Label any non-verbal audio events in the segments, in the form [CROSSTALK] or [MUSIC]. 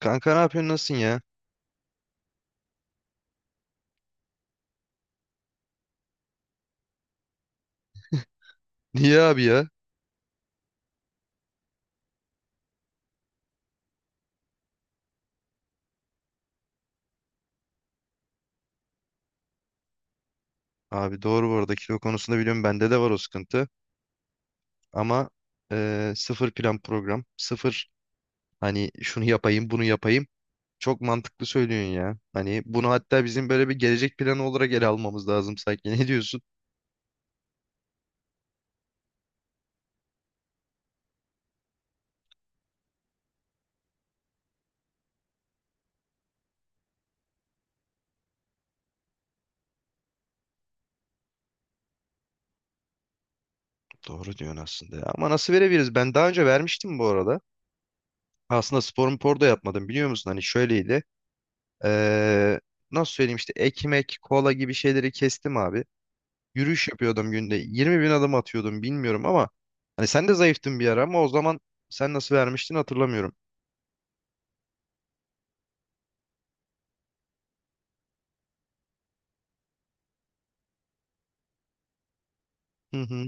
Kanka ne yapıyorsun nasılsın ya? Niye abi ya? Abi doğru bu arada kilo konusunda biliyorum bende de var o sıkıntı. Ama sıfır plan program. Sıfır hani şunu yapayım bunu yapayım. Çok mantıklı söylüyorsun ya. Hani bunu hatta bizim böyle bir gelecek planı olarak ele almamız lazım sanki. [LAUGHS] Ne diyorsun? Doğru diyorsun aslında ya. Ama nasıl verebiliriz? Ben daha önce vermiştim bu arada. Aslında spor mpor da yapmadım biliyor musun? Hani şöyleydi. Eee, Nasıl söyleyeyim işte ekmek, kola gibi şeyleri kestim abi. Yürüyüş yapıyordum günde. 20 bin adım atıyordum bilmiyorum ama hani sen de zayıftın bir ara ama o zaman sen nasıl vermiştin hatırlamıyorum. Hı hı.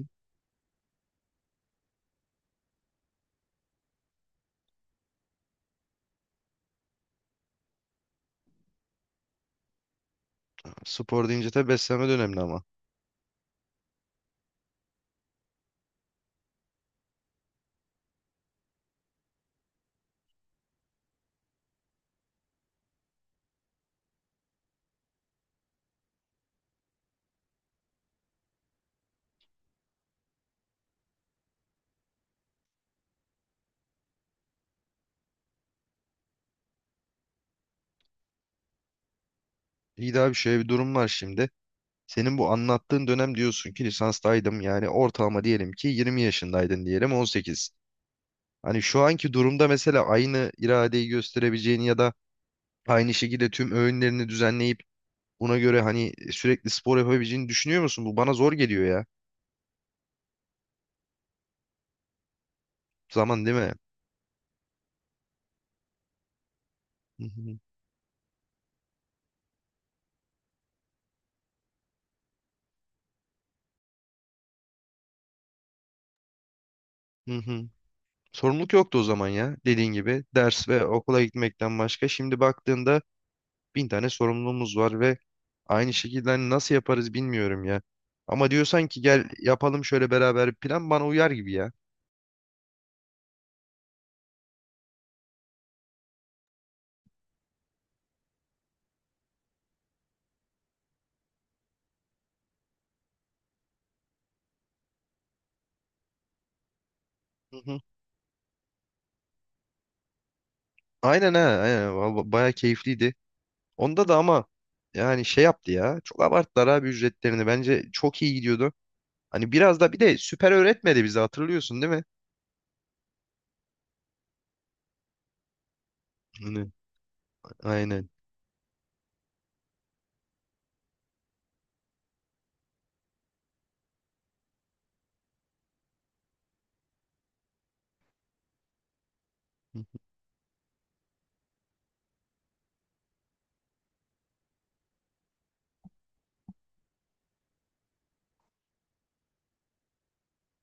Spor deyince tabii beslenme de önemli ama. İyi daha bir şöyle bir durum var şimdi. Senin bu anlattığın dönem diyorsun ki lisanstaydım yani ortalama diyelim ki 20 yaşındaydın diyelim 18. Hani şu anki durumda mesela aynı iradeyi gösterebileceğini ya da aynı şekilde tüm öğünlerini düzenleyip buna göre hani sürekli spor yapabileceğini düşünüyor musun? Bu bana zor geliyor ya. Zaman değil mi? Hı hı. Hı hı. Sorumluluk yoktu o zaman ya. Dediğin gibi ders ve okula gitmekten başka. Şimdi baktığında bin tane sorumluluğumuz var ve aynı şekilde hani nasıl yaparız bilmiyorum ya. Ama diyorsan ki gel yapalım şöyle beraber bir plan bana uyar gibi ya. Hı hı. Aynen ha, aynen. Val- bayağı keyifliydi. Onda da ama yani şey yaptı ya. Çok abarttılar abi ücretlerini. Bence çok iyi gidiyordu. Hani biraz da bir de süper öğretmedi bizi hatırlıyorsun değil mi? Hı. Aynen.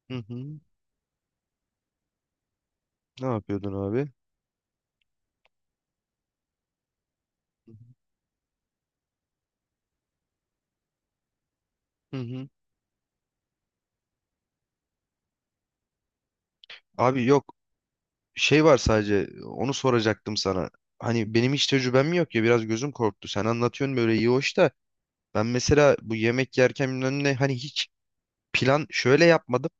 Hı hı. Ne yapıyordun abi? Hı hı. Abi yok, şey var sadece onu soracaktım sana. Hani benim hiç tecrübem yok ya biraz gözüm korktu. Sen anlatıyorsun böyle iyi hoş da ben mesela bu yemek yerken bilmem ne hani hiç plan şöyle yapmadım.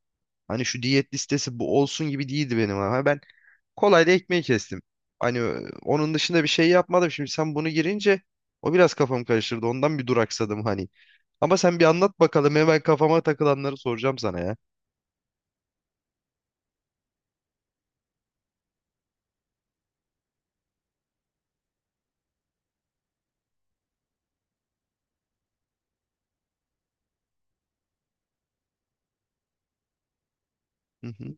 Hani şu diyet listesi bu olsun gibi değildi benim ama ben kolayla ekmeği kestim. Hani onun dışında bir şey yapmadım. Şimdi sen bunu girince o biraz kafamı karıştırdı. Ondan bir duraksadım hani. Ama sen bir anlat bakalım hemen kafama takılanları soracağım sana ya. Hı hı.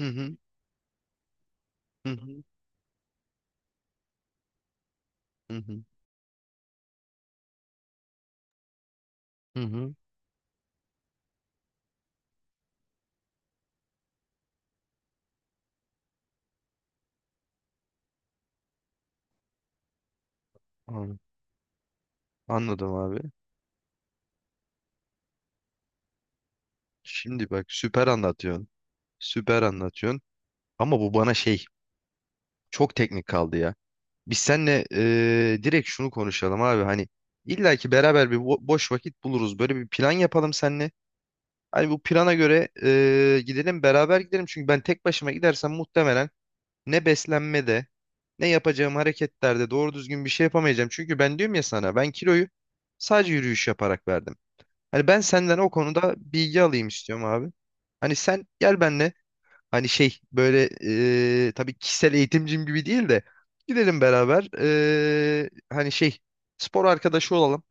Hı hı. Hı hı. Hı hı. Hı hı. Anladım, anladım abi. Şimdi bak süper anlatıyorsun. Süper anlatıyorsun. Ama bu bana şey, çok teknik kaldı ya. Biz seninle direkt şunu konuşalım abi. Hani illa ki beraber bir boş vakit buluruz. Böyle bir plan yapalım seninle. Hani bu plana göre gidelim beraber gidelim. Çünkü ben tek başıma gidersem muhtemelen ne beslenmede ne yapacağım hareketlerde doğru düzgün bir şey yapamayacağım. Çünkü ben diyorum ya sana ben kiloyu sadece yürüyüş yaparak verdim. Hani ben senden o konuda bilgi alayım istiyorum abi. Hani sen gel benle hani şey böyle, tabii kişisel eğitimcim gibi değil de gidelim beraber, hani şey, spor arkadaşı olalım.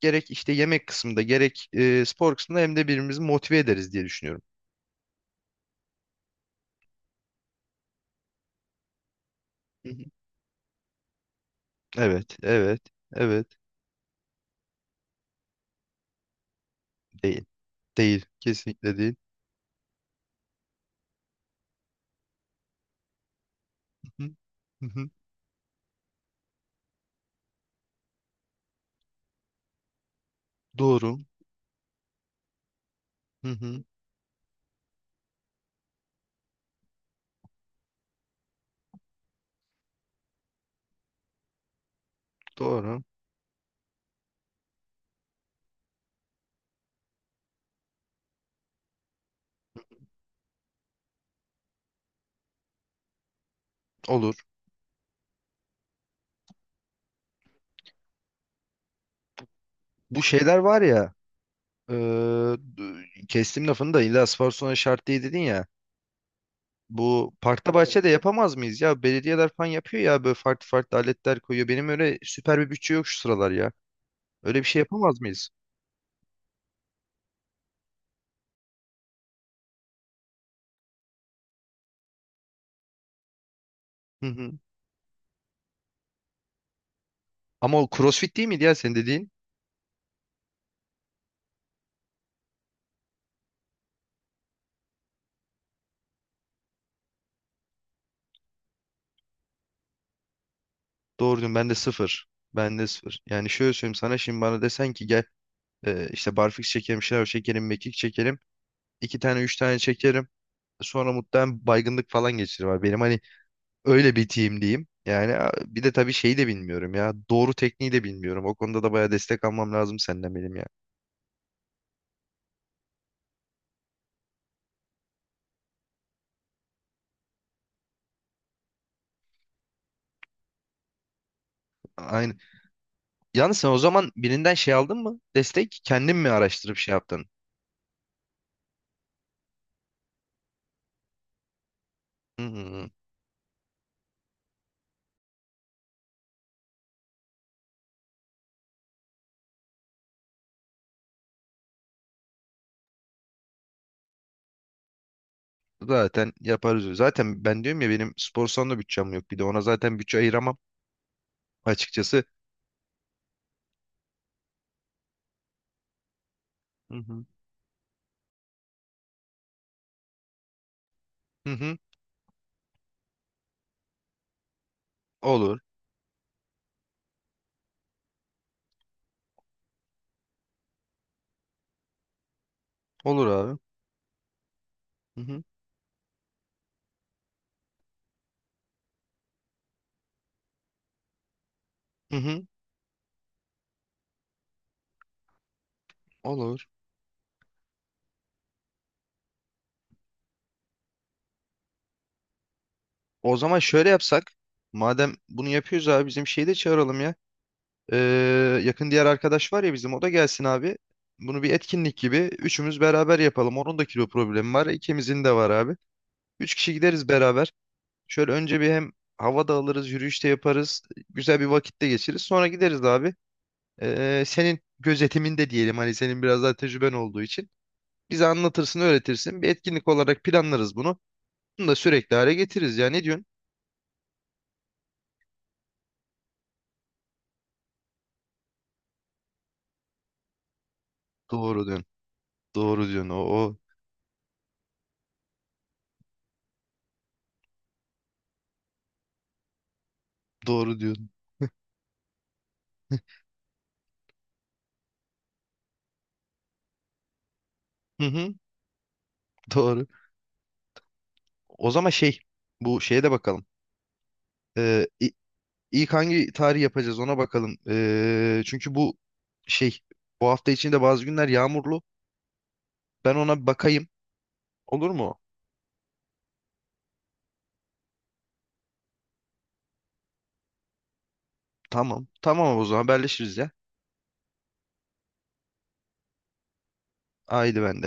Gerek işte yemek kısmında gerek spor kısmında hem de birbirimizi motive ederiz diye düşünüyorum. Hı hı. Evet, evet, evet. Değil. Değil. Kesinlikle değil. Hı hı. Hı hı. Doğru. Hı hı. Doğru. Olur. Bu şeyler var ya. Ee, Kestim lafını da illa Sparsun'a şart değil dedin ya. Bu parkta, evet, bahçede yapamaz mıyız ya? Belediyeler falan yapıyor ya böyle farklı farklı aletler koyuyor. Benim öyle süper bir bütçe yok şu sıralar ya. Öyle bir şey yapamaz mıyız? Hı hı. Ama o CrossFit değil miydi ya senin dediğin? Doğru diyorsun, ben de sıfır. Ben de sıfır. Yani şöyle söyleyeyim sana, şimdi bana desen ki gel işte barfiks çekelim, şınav çekelim, mekik çekelim. İki tane üç tane çekerim. Sonra muhtemelen baygınlık falan geçirir. Benim hani öyle bir team diyeyim. Yani bir de tabii şeyi de bilmiyorum ya. Doğru tekniği de bilmiyorum. O konuda da bayağı destek almam lazım senden benim ya. Aynı. Yalnız sen o zaman birinden şey aldın mı? Destek kendin mi araştırıp şey yaptın? Hmm. Zaten yaparız. Zaten ben diyorum ya benim spor salonu bütçem yok. Bir de ona zaten bütçe ayıramam açıkçası. Hı hı. Hı hı. Olur. Olur abi. Hı hı. Hı hı. Olur. O zaman şöyle yapsak. Madem bunu yapıyoruz abi bizim şeyi de çağıralım ya. Yakın diğer arkadaş var ya bizim, o da gelsin abi. Bunu bir etkinlik gibi üçümüz beraber yapalım. Onun da kilo problemi var. İkimizin de var abi. Üç kişi gideriz beraber. Şöyle önce bir hem hava da alırız, yürüyüş de yaparız. Güzel bir vakitte geçiririz. Sonra gideriz abi. Senin gözetiminde diyelim, hani senin biraz daha tecrüben olduğu için. Bize anlatırsın, öğretirsin. Bir etkinlik olarak planlarız bunu. Bunu da sürekli hale getiririz ya. Ne diyorsun? Doğru diyorsun. Doğru diyorsun. O, o. Doğru diyorsun. Hı hı. Doğru. O zaman şey, bu şeye de bakalım. Ee, i- ilk hangi tarih yapacağız ona bakalım. Çünkü bu şey, bu hafta içinde bazı günler yağmurlu. Ben ona bir bakayım. Olur mu? Tamam. Tamam o zaman haberleşiriz ya. Haydi ben